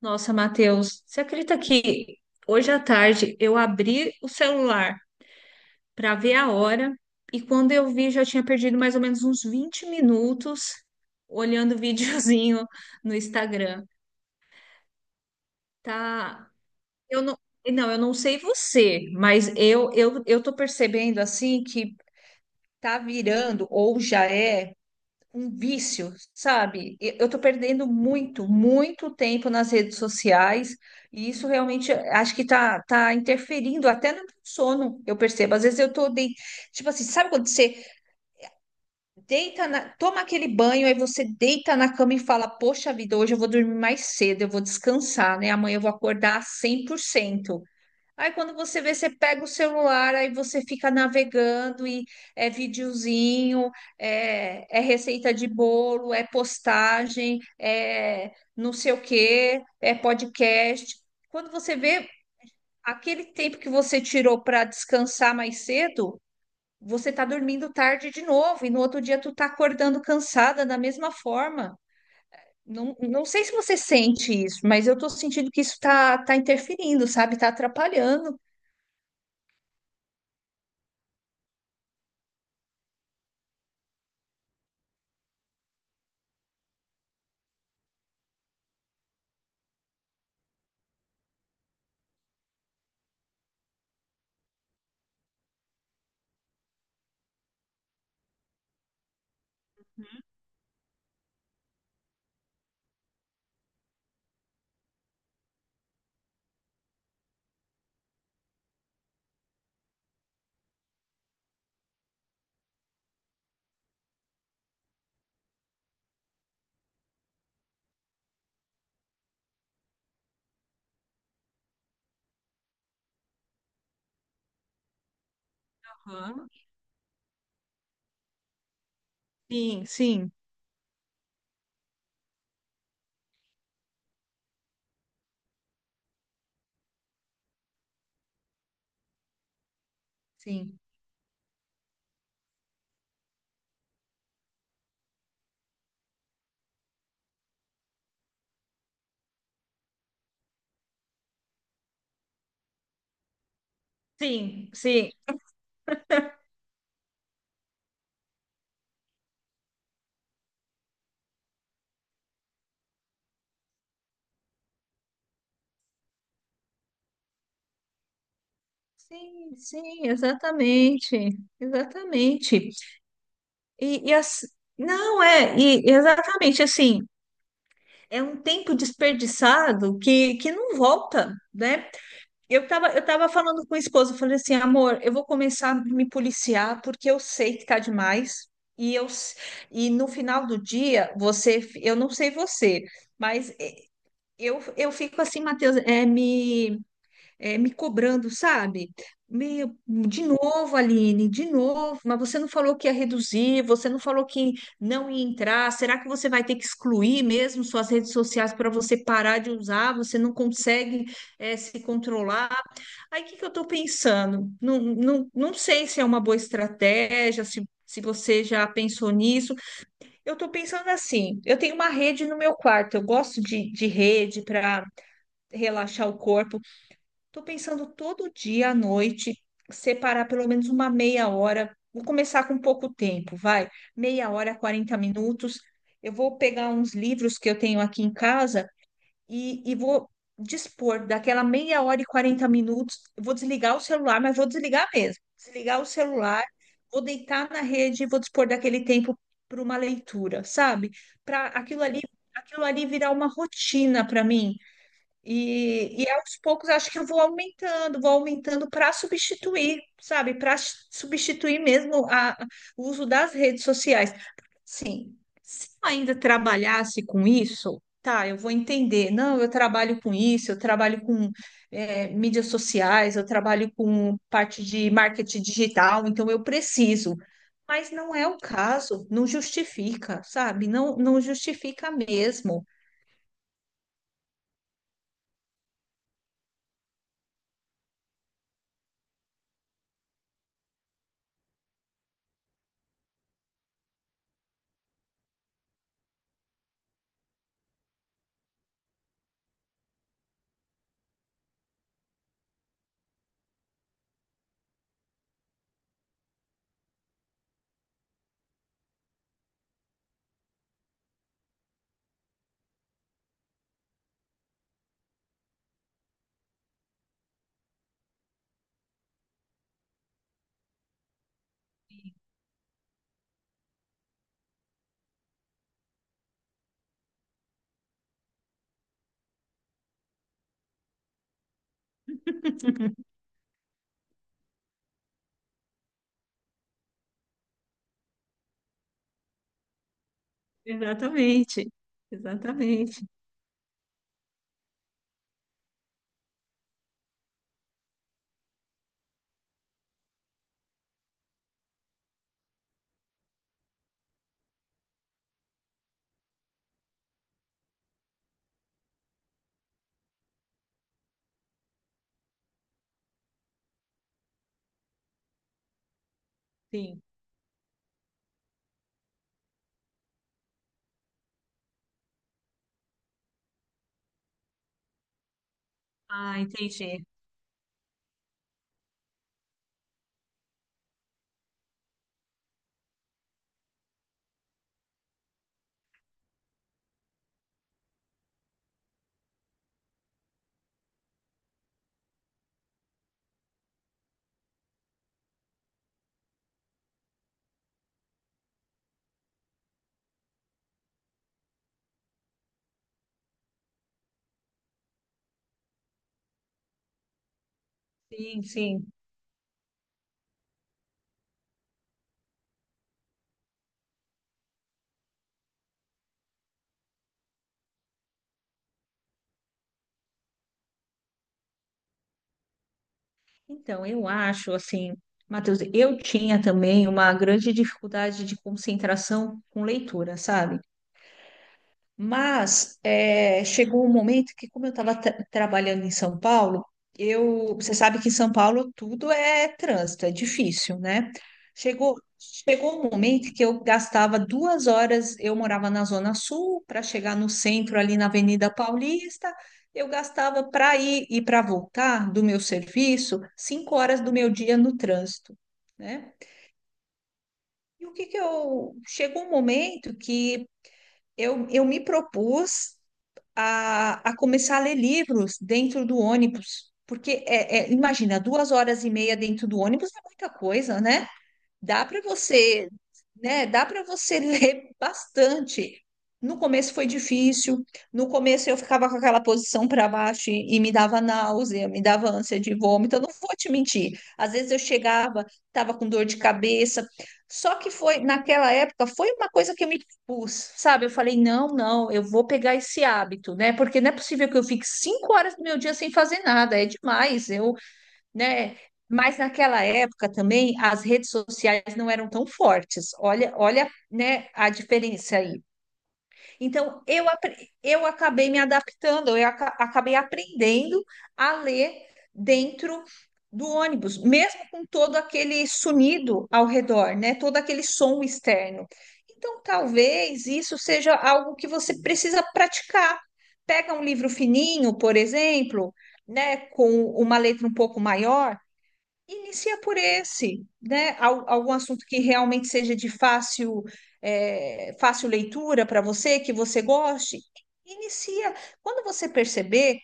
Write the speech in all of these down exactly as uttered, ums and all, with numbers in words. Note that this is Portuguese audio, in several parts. Nossa, Matheus, você acredita que hoje à tarde eu abri o celular para ver a hora e quando eu vi já tinha perdido mais ou menos uns vinte minutos olhando videozinho no Instagram. Tá, eu não, não, eu não sei você, mas eu eu eu tô percebendo assim que tá virando ou já é um vício, sabe? E Eu tô perdendo muito, muito tempo nas redes sociais e isso realmente acho que tá, tá interferindo até no meu sono, eu percebo. Às vezes eu tô, de... tipo assim, sabe quando você deita na... toma aquele banho, aí você deita na cama e fala, poxa vida, hoje eu vou dormir mais cedo, eu vou descansar, né? Amanhã eu vou acordar cem por cento. Aí quando você vê, você pega o celular, aí você fica navegando e é videozinho, é, é receita de bolo, é postagem, é não sei o quê, é podcast. Quando você vê aquele tempo que você tirou para descansar mais cedo, você tá dormindo tarde de novo e no outro dia tu tá acordando cansada da mesma forma. Não, não sei se você sente isso, mas eu tô sentindo que isso tá, tá interferindo, sabe? Tá atrapalhando. Sim, sim, Sim. sim, sim. Sim, sim, exatamente, exatamente. E, e as- não é, e e exatamente assim, é um tempo desperdiçado que, que não volta, né? Eu tava, eu tava falando com a esposa eu falei assim, amor, eu vou começar a me policiar porque eu sei que tá demais. E eu s- e no final do dia, você, eu não sei você, mas eh, eu, eu fico assim, Matheus, é me é, me cobrando, sabe? Meio, de novo, Aline, de novo, mas você não falou que ia reduzir, você não falou que não ia entrar. Será que você vai ter que excluir mesmo suas redes sociais para você parar de usar? Você não consegue, é, se controlar? Aí o que que eu estou pensando? Não, não, não sei se é uma boa estratégia, se, se você já pensou nisso. Eu estou pensando assim: eu tenho uma rede no meu quarto, eu gosto de, de rede para relaxar o corpo. Estou pensando todo dia à noite separar pelo menos uma meia hora. Vou começar com pouco tempo, vai. Meia hora, quarenta minutos. Eu vou pegar uns livros que eu tenho aqui em casa e, e vou dispor daquela meia hora e quarenta minutos. Eu vou desligar o celular, mas vou desligar mesmo. Desligar o celular, vou deitar na rede e vou dispor daquele tempo para uma leitura, sabe? Para aquilo ali, aquilo ali virar uma rotina para mim. E, e aos poucos acho que eu vou aumentando, vou aumentando para substituir, sabe? Para substituir mesmo a- o uso das redes sociais. Sim, se eu ainda trabalhasse com isso, tá, eu vou entender. Não, eu trabalho com isso, eu trabalho com é, mídias sociais, eu trabalho com parte de marketing digital, então eu preciso. Mas não é o caso, não justifica, sabe? Não, não justifica mesmo. Exatamente, exatamente, sim. Ah, entendi. Sim, sim. Então, eu acho assim, Matheus, eu tinha também uma grande dificuldade de concentração com leitura, sabe? Mas é, chegou um momento que, como eu estava trabalhando em São Paulo, eu, você sabe que em São Paulo tudo é trânsito, é difícil, né? Chegou, chegou um momento que eu gastava duas horas, eu morava na Zona Sul, para chegar no centro, ali na Avenida Paulista, eu gastava para ir e para voltar do meu serviço cinco horas do meu dia no trânsito, né? E o que que eu... Chegou um momento que eu, eu me propus a, a começar a ler livros dentro do ônibus. Porque, é, é, imagina, duas horas e meia dentro do ônibus é muita coisa, né? Dá para você, né? Dá para você ler bastante. No começo foi difícil. No começo eu ficava com aquela posição para baixo e, e me dava náusea, me dava ânsia de vômito. Eu não vou te mentir. Às vezes eu chegava, estava com dor de cabeça. Só que foi naquela época foi uma coisa que eu me pus, sabe? Eu falei não, não, eu vou pegar esse hábito, né? Porque não é possível que eu fique cinco horas do meu dia sem fazer nada. É demais. Eu, né? Mas naquela época também as redes sociais não eram tão fortes. Olha, olha, né, a diferença aí. Então eu, apre- eu acabei me adaptando, eu aca- acabei aprendendo a ler dentro do ônibus, mesmo com todo aquele sonido ao redor, né, todo aquele som externo. Então talvez isso seja algo que você precisa praticar. Pega um livro fininho, por exemplo, né, com uma letra um pouco maior. Inicia por esse, né? Al- Algum assunto que realmente seja de fácil, é, fácil leitura para você, que você goste. Inicia. Quando você perceber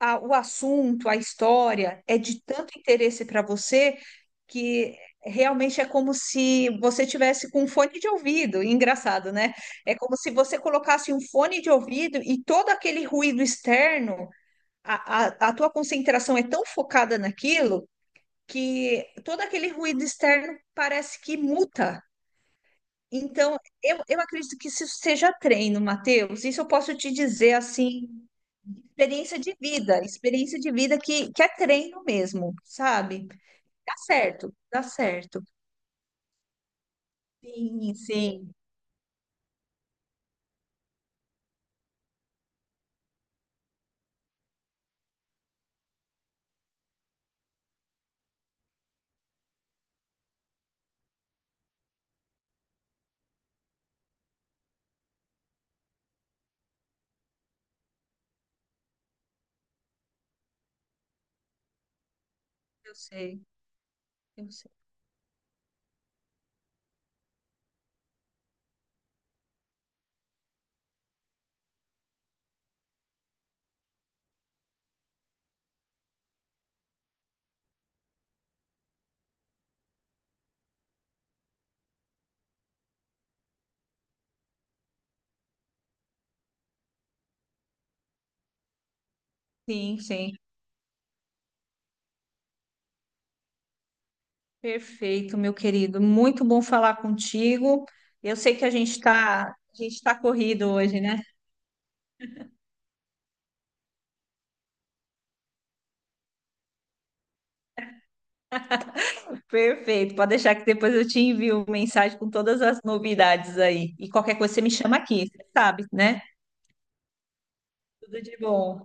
a- o assunto, a história é de tanto interesse para você que realmente é como se você tivesse com um fone de ouvido. Engraçado, né? É como se você colocasse um fone de ouvido e todo aquele ruído externo, a, a a tua concentração é tão focada naquilo que todo aquele ruído externo parece que muta. Então, eu, eu acredito que isso seja treino, Matheus. Isso eu posso te dizer assim, experiência de vida, experiência de vida que, que é treino mesmo, sabe? Dá certo, dá certo. Sim, sim, eu sei, eu sei. Sim, sim. Perfeito, meu querido. Muito bom falar contigo. Eu sei que a gente está, a gente tá corrido hoje, né? Perfeito, pode deixar que depois eu te envio mensagem com todas as novidades aí. E qualquer coisa você me chama aqui, você sabe, né? Tudo de bom.